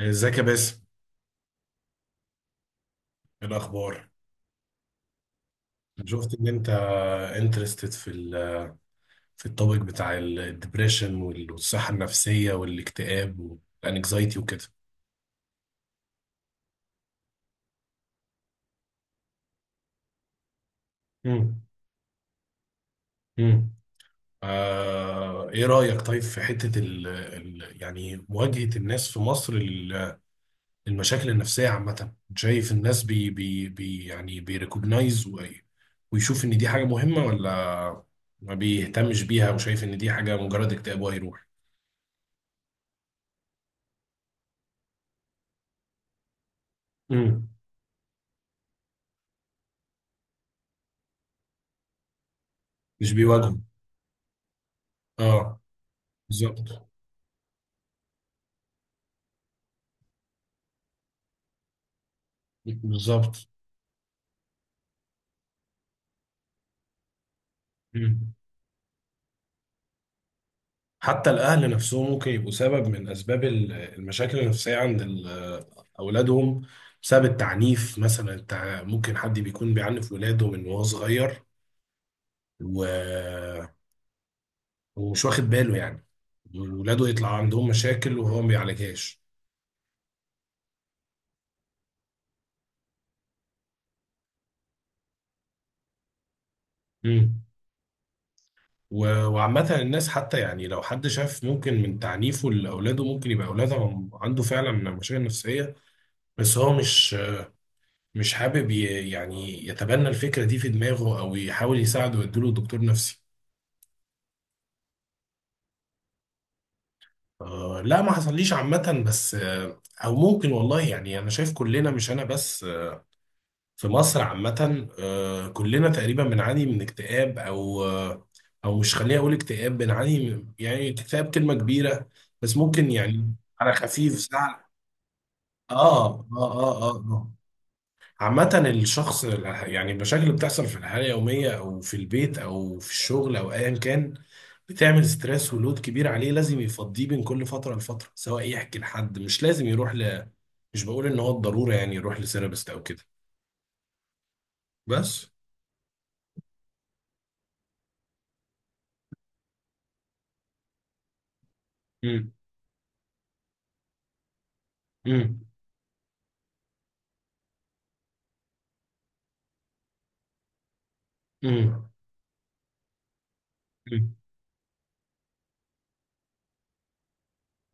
ازيك يا باسم، ايه الاخبار؟ شفت ان انت انترستد في التوبيك بتاع الدبريشن والصحه النفسيه والاكتئاب والانكزايتي وكده. امم. امم. ايه رايك طيب في حته ال ال يعني مواجهه الناس في مصر للمشاكل النفسيه عامه؟ شايف الناس بي بي بي يعني بيريكوجنايز ويشوف ان دي حاجه مهمه، ولا ما بيهتمش بيها وشايف ان دي حاجه مجرد اكتئاب وهيروح؟ امم. مش بيواجهه. اه. بالظبط. بالظبط. مم. حتى الأهل نفسهم ممكن يبقوا سبب من أسباب المشاكل النفسية عند أولادهم، بسبب التعنيف مثلا. ممكن حد بيكون بيعنف ولاده من وهو صغير، و... ومش واخد باله يعني ولاده يطلع عندهم مشاكل وهو ما بيعالجهاش. مم. وعامة الناس حتى، يعني لو حد شاف ممكن من تعنيفه لأولاده ممكن يبقى أولاده عنده فعلا مشاكل نفسية، بس هو مش حابب يعني يتبنى الفكرة دي في دماغه أو يحاول يساعده ويديله دكتور نفسي. لا، ما حصليش عامة، بس أو ممكن، والله يعني أنا شايف كلنا، مش أنا بس. في مصر عامة، كلنا تقريبا بنعاني من اكتئاب، أو أو مش، خليني أقول اكتئاب. بنعاني يعني اكتئاب كلمة كبيرة، بس ممكن يعني على خفيف سهل. آه آه آه آه, آه. عامة الشخص، يعني المشاكل اللي بتحصل في الحياة اليومية أو في البيت أو في الشغل أو أيا كان، بتعمل ستريس ولود كبير عليه. لازم يفضيه بين كل فترة لفترة، سواء يحكي لحد. مش لازم يروح مش بقول إن هو الضرورة يعني يروح لسيرابست أو كده، بس. امم. امم. امم.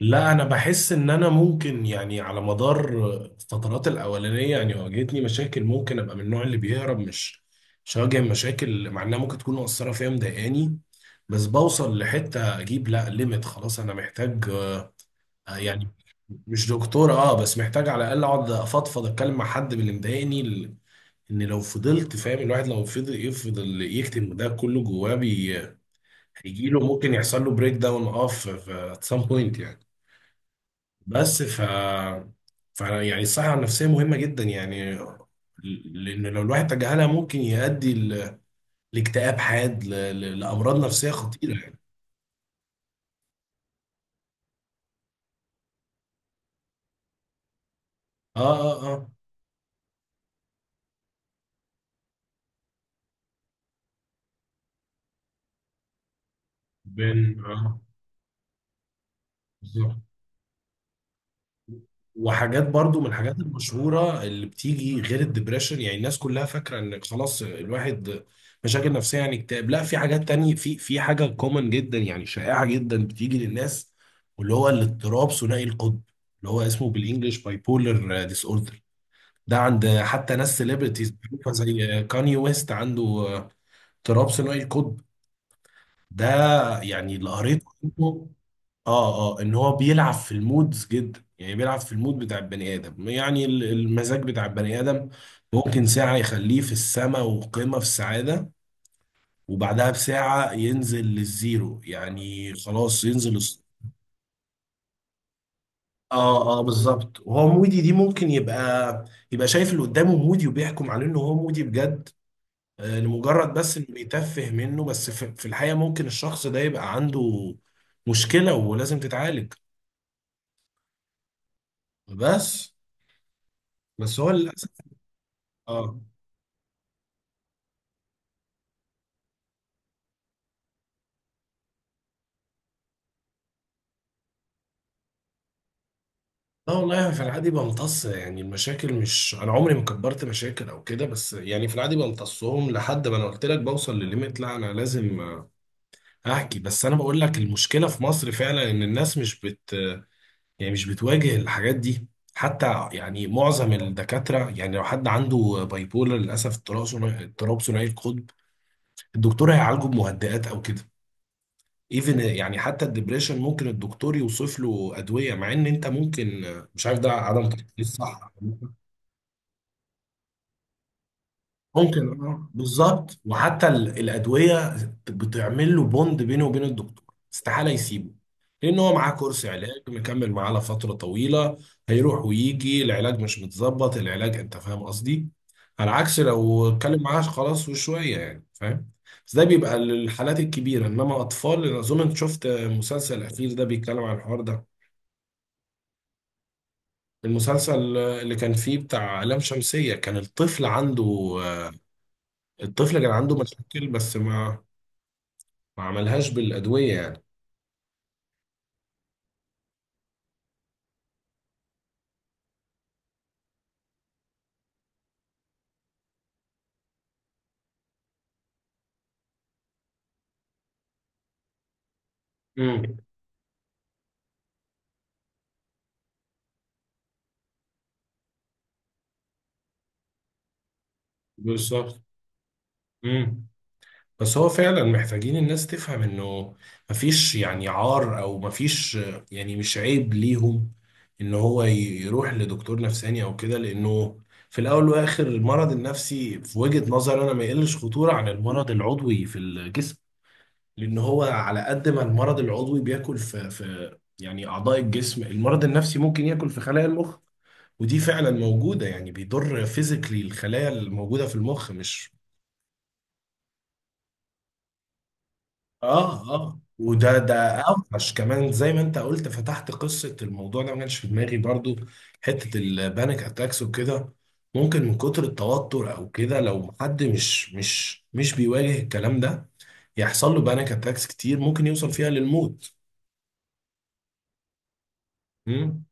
لا، انا بحس ان انا ممكن يعني على مدار الفترات الاولانيه، يعني واجهتني مشاكل ممكن ابقى من النوع اللي بيهرب. مش هواجه مشاكل، مع انها ممكن تكون مؤثره فيا مضايقاني، بس بوصل لحته اجيب لا ليميت، خلاص انا محتاج. يعني مش دكتور، اه، بس محتاج على الاقل اقعد افضفض، اتكلم مع حد من اللي مضايقني. ان لو فضلت فاهم، الواحد لو فضل يفضل يكتم ده كله جواه هيجيله. ممكن يحصل له بريك داون، at some point يعني. بس ف يعني الصحة النفسية مهمة جدا، يعني لأن لو الواحد تجاهلها ممكن يؤدي لاكتئاب حاد، لأمراض نفسية خطيرة يعني. اه. اه. اه. بن اه بالظبط. وحاجات برضو من الحاجات المشهورة اللي بتيجي غير الدبريشن، يعني الناس كلها فاكرة ان خلاص الواحد مشاكل نفسية يعني اكتئاب. لا، في حاجات تانية، في حاجة كومن جدا يعني شائعة جدا بتيجي للناس، واللي هو الاضطراب ثنائي القطب. اللي هو اسمه بالانجلش باي بولر ديس اوردر. ده عند حتى ناس سيلبرتيز، زي كاني ويست، عنده اضطراب ثنائي القطب ده. يعني اللي قريته عنه، اه، اه، ان هو بيلعب في المودز جدا، يعني بيلعب في المود بتاع البني ادم، يعني المزاج بتاع البني ادم. ممكن ساعة يخليه في السماء وقمة في السعادة، وبعدها بساعة ينزل للزيرو، يعني خلاص ينزل اه، اه، بالظبط. وهو مودي، دي ممكن يبقى يبقى شايف اللي قدامه مودي وبيحكم عليه ان هو مودي بجد، لمجرد بس انه بيتفه منه، بس في في الحقيقة ممكن الشخص ده يبقى عنده مشكلة ولازم تتعالج. بس، بس هو للأسف. اه. لا، والله في العادي بمتص يعني المشاكل، مش انا عمري ما كبرت مشاكل او كده، بس يعني في العادي بمتصهم لحد ما، انا قلت لك، بوصل لليميت. لا، انا لازم احكي. بس انا بقول لك المشكله في مصر فعلا ان الناس مش بت يعني مش بتواجه الحاجات دي. حتى يعني معظم الدكاتره، يعني لو حد عنده بايبولر للاسف، اضطراب ثنائي، اضطراب ثنائي القطب، الدكتور هيعالجه بمهدئات او كده. ايفن يعني حتى الدبريشن ممكن الدكتور يوصف له ادويه، مع ان انت ممكن مش عارف ده عدم تشخيص صح. ممكن، اه، بالظبط. وحتى الادويه بتعمل له بوند بينه وبين الدكتور، استحاله يسيبه لان هو معاه كورس علاج مكمل معاه لفتره طويله. هيروح ويجي، العلاج مش متظبط، العلاج، انت فاهم قصدي؟ على عكس لو اتكلم معاه خلاص وشويه، يعني فاهم. بس ده بيبقى للحالات الكبيره، انما اطفال. أنا اظن انت شفت المسلسل الاخير ده بيتكلم عن الحوار ده. المسلسل اللي كان فيه بتاع لام شمسيه، كان الطفل عنده، آه، الطفل كان عنده مشاكل، بس ما عملهاش بالأدوية يعني. امم. بالظبط. امم. بس هو فعلا محتاجين الناس تفهم انه مفيش يعني عار، او مفيش، يعني مش عيب ليهم ان هو يروح لدكتور نفساني او كده، لانه في الاول والاخر المرض النفسي في وجهة نظري انا ما يقلش خطورة عن المرض العضوي في الجسم. لان هو على قد ما المرض العضوي بياكل في يعني اعضاء الجسم، المرض النفسي ممكن ياكل في خلايا المخ، ودي فعلا موجودة، يعني بيضر فيزيكلي الخلايا الموجودة في المخ، مش. اه، اه، وده اوحش كمان، زي ما انت قلت، فتحت قصة الموضوع ده ما كانش في دماغي برضو، حتة البانيك اتاكس وكده. ممكن من كتر التوتر او كده، لو حد مش بيواجه الكلام ده، يحصل له بانيك اتاكس كتير، ممكن يوصل فيها للموت. امم.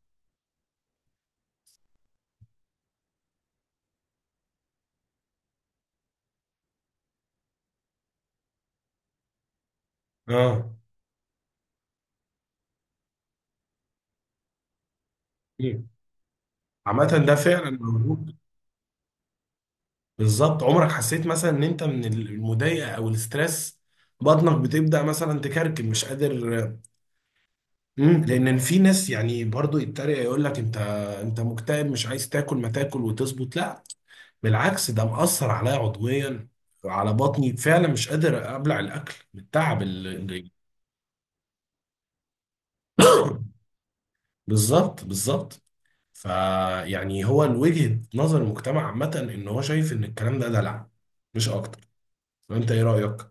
اه. مم. عامة ده فعلا موجود. بالظبط. عمرك حسيت مثلا ان انت من المضايقه او الاسترس بطنك بتبدا مثلا تكركب، مش قادر؟ مم. لان في ناس يعني برضو يتريق، يقول لك انت مكتئب، مش عايز تاكل، ما تاكل وتظبط. لا، بالعكس، ده مأثر عليا عضويا، على بطني فعلا مش قادر ابلع الاكل من التعب اللي بالظبط، بالظبط. فيعني هو وجهة نظر المجتمع عامه ان هو شايف ان الكلام ده دلع، مش اكتر. وانت ايه رأيك؟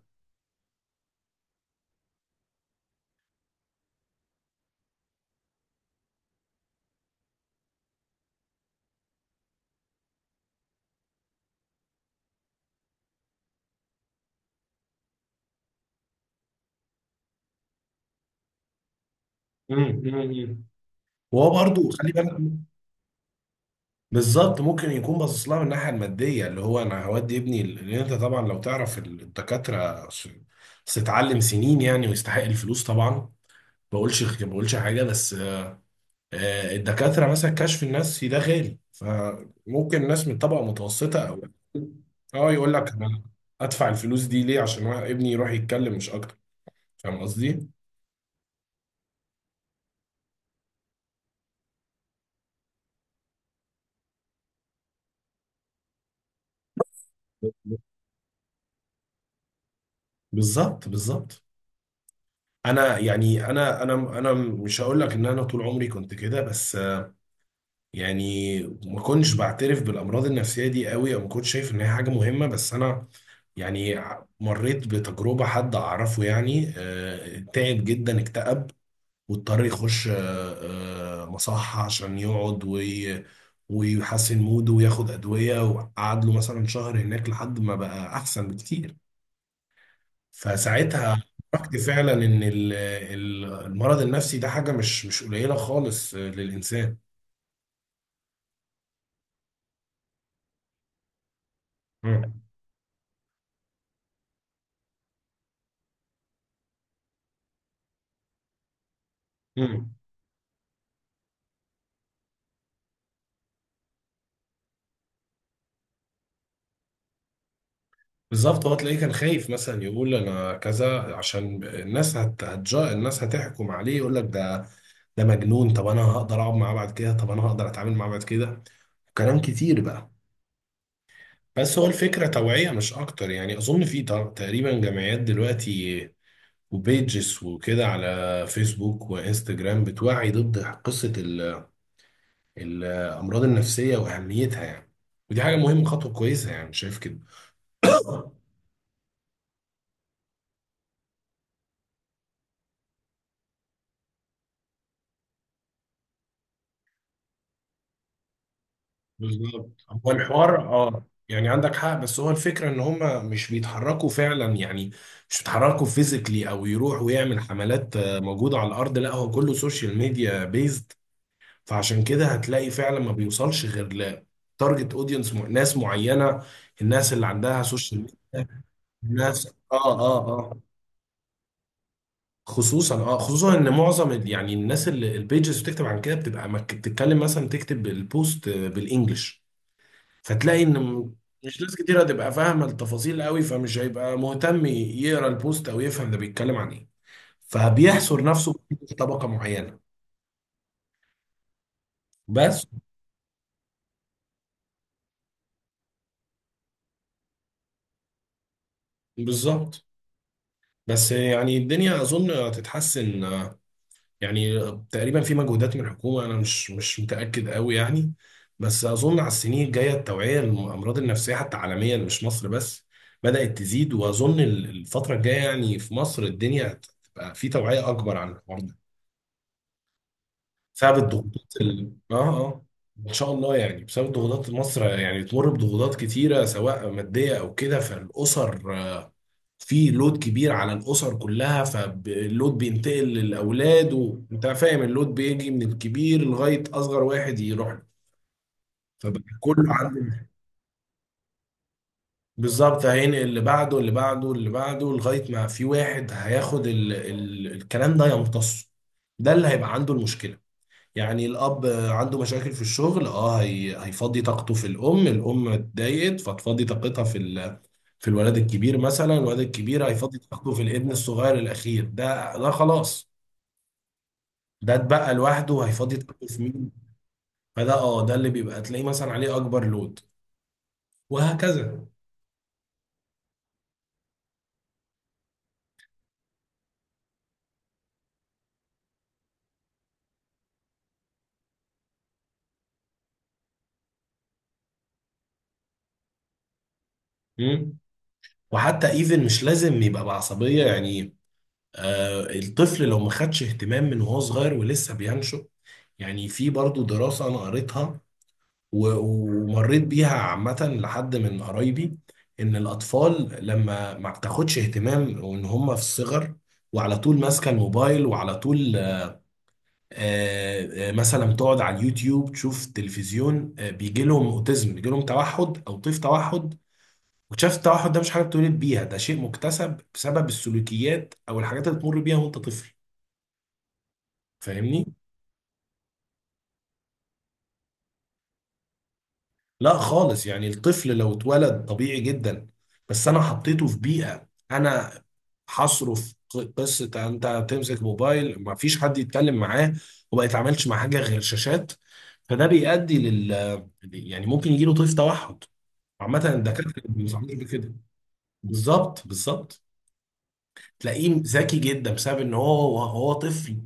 مم. مم. وهو برضو خلي بالك. بالظبط، ممكن يكون باصص لها من الناحيه الماديه، اللي هو انا هودي ابني، لان انت طبعا لو تعرف الدكاتره، ستعلم سنين يعني، ويستحق الفلوس طبعا. ما بقولش حاجه، بس الدكاتره مثلا كشف النفسي ده غالي، فممكن الناس من طبقه متوسطه او، اه، يقول لك انا ادفع الفلوس دي ليه عشان ابني يروح يتكلم مش اكتر، فاهم قصدي؟ بالظبط، بالظبط. انا يعني انا مش هقول لك ان انا طول عمري كنت كده، بس يعني ما كنتش بعترف بالامراض النفسيه دي قوي، او ما كنتش شايف ان هي حاجه مهمه، بس انا يعني مريت بتجربه حد اعرفه، يعني تعب جدا، اكتئب، واضطر يخش مصحه عشان يقعد ويحسن موده وياخد ادويه، وقعد له مثلا شهر هناك لحد ما بقى احسن بكتير. فساعتها عرفت فعلا ان المرض النفسي ده حاجه مش قليله خالص، للانسان. مم. مم. بالظبط. هو تلاقيه كان خايف مثلا يقول انا كذا عشان الناس الناس هتحكم عليه. يقول لك ده، ده مجنون، طب انا هقدر اقعد معاه بعد كده، طب انا هقدر اتعامل معاه بعد كده، كلام كتير بقى. بس هو الفكره توعيه مش اكتر، يعني اظن في تقريبا جمعيات دلوقتي وبيجز وكده على فيسبوك وانستجرام بتوعي ضد قصه الامراض النفسيه واهميتها يعني. ودي حاجه مهمه، خطوه كويسه يعني شايف كده. بالظبط. هو الحوار، يعني عندك حق، بس هو الفكره ان هم مش بيتحركوا فعلا، يعني مش بيتحركوا فيزيكلي او يروح ويعمل حملات موجوده على الارض. لا، هو كله سوشيال ميديا بيزد. فعشان كده هتلاقي فعلا ما بيوصلش غير لتارجت اودينس، ناس معينه، الناس اللي عندها سوشيال ميديا. الناس اه اه اه خصوصا ان معظم يعني الناس اللي البيجز بتكتب عن كده، بتبقى بتتكلم مثلا تكتب البوست بالانجلش، فتلاقي ان مش ناس كتير هتبقى فاهمه التفاصيل قوي، فمش هيبقى مهتم يقرا البوست او يفهم ده بيتكلم عن ايه، فبيحصر نفسه في طبقه معينه بس. بالظبط. بس يعني الدنيا اظن هتتحسن، يعني تقريبا في مجهودات من الحكومه، انا مش متاكد قوي يعني، بس اظن على السنين الجايه التوعيه للامراض النفسيه حتى عالميا، مش مصر بس، بدات تزيد، واظن الفتره الجايه يعني في مصر الدنيا هتبقى في توعيه اكبر عن الحوار ده، بسبب الضغوطات ال... اه اه ان شاء الله. يعني بسبب الضغوطات مصر يعني تمر بضغوطات كتيره سواء ماديه او كده، فالاسر في لود كبير على الاسر كلها، فاللود بينتقل للاولاد، وانت فاهم اللود بيجي من الكبير لغايه اصغر واحد يروح له، فبقى كله عنده. بالظبط، هينقل اللي بعده اللي بعده اللي بعده لغايه ما في واحد هياخد الكلام ده يمتصه، ده اللي هيبقى عنده المشكله. يعني الأب عنده مشاكل في الشغل، هيفضي طاقته في الأم، الأم اتضايقت فتفضي طاقتها في في الولد الكبير مثلا، الولد الكبير هيفضي طاقته في الابن الصغير الأخير ده خلاص ده اتبقى لوحده هيفضي طاقته في مين؟ فده اه ده اللي بيبقى تلاقيه مثلا عليه أكبر لود، وهكذا. مم. وحتى ايفن مش لازم يبقى بعصبية يعني. الطفل لو ما خدش اهتمام من وهو صغير ولسه بينشأ، يعني في برضو دراسة أنا قريتها ومريت بيها عامة لحد من قرايبي، إن الأطفال لما ما بتاخدش اهتمام وإن هم في الصغر، وعلى طول ماسكة الموبايل وعلى طول، مثلا تقعد على اليوتيوب تشوف تلفزيون، بيجي لهم أوتيزم، بيجي لهم توحد أو طيف توحد. وشاف التوحد ده مش حاجة بتولد بيها، ده شيء مكتسب بسبب السلوكيات أو الحاجات اللي بتمر بيها وأنت طفل. فاهمني؟ لا خالص، يعني الطفل لو اتولد طبيعي جدا، بس انا حطيته في بيئة انا هصرف قصة انت تمسك موبايل، ما فيش حد يتكلم معاه وما يتعاملش مع حاجة غير شاشات، فده بيؤدي لل، يعني ممكن يجيله طيف توحد. عامة الدكاترة ما بينصحوش بكده. بالظبط، بالظبط. تلاقيه ذكي جدا بسبب ان هو هو طفل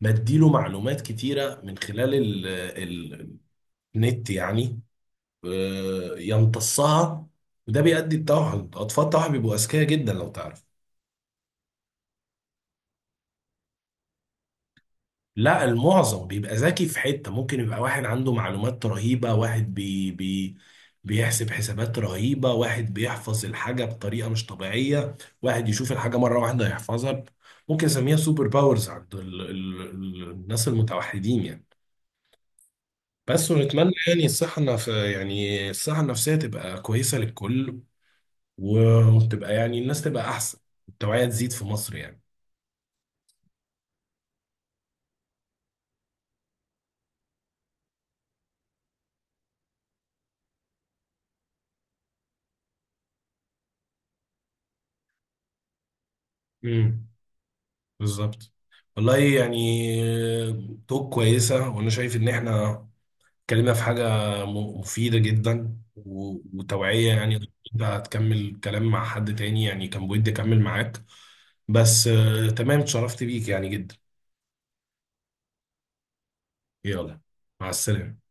بديله معلومات كتيرة من خلال ال- النت يعني، يمتصها. وده بيؤدي التوحد. اطفال التوحد بيبقوا اذكياء جدا لو تعرف. لا، المعظم بيبقى ذكي في حتة، ممكن يبقى واحد عنده معلومات رهيبة، واحد بي بي بيحسب حسابات رهيبة، واحد بيحفظ الحاجة بطريقة مش طبيعية، واحد يشوف الحاجة مرة واحدة يحفظها. ممكن نسميها سوبر باورز عند ال ال ال الناس المتوحدين يعني. بس ونتمنى يعني الصحة النف... يعني الصحة النفسية تبقى كويسة للكل، وتبقى يعني الناس تبقى احسن، التوعية تزيد في مصر يعني. امم. بالظبط. والله يعني توك كويسة، وانا شايف ان احنا اتكلمنا في حاجة مفيدة جدا وتوعية يعني. انت هتكمل كلام مع حد تاني، يعني كان بودي اكمل معاك، بس تمام، اتشرفت بيك يعني جدا. يلا، مع السلامة.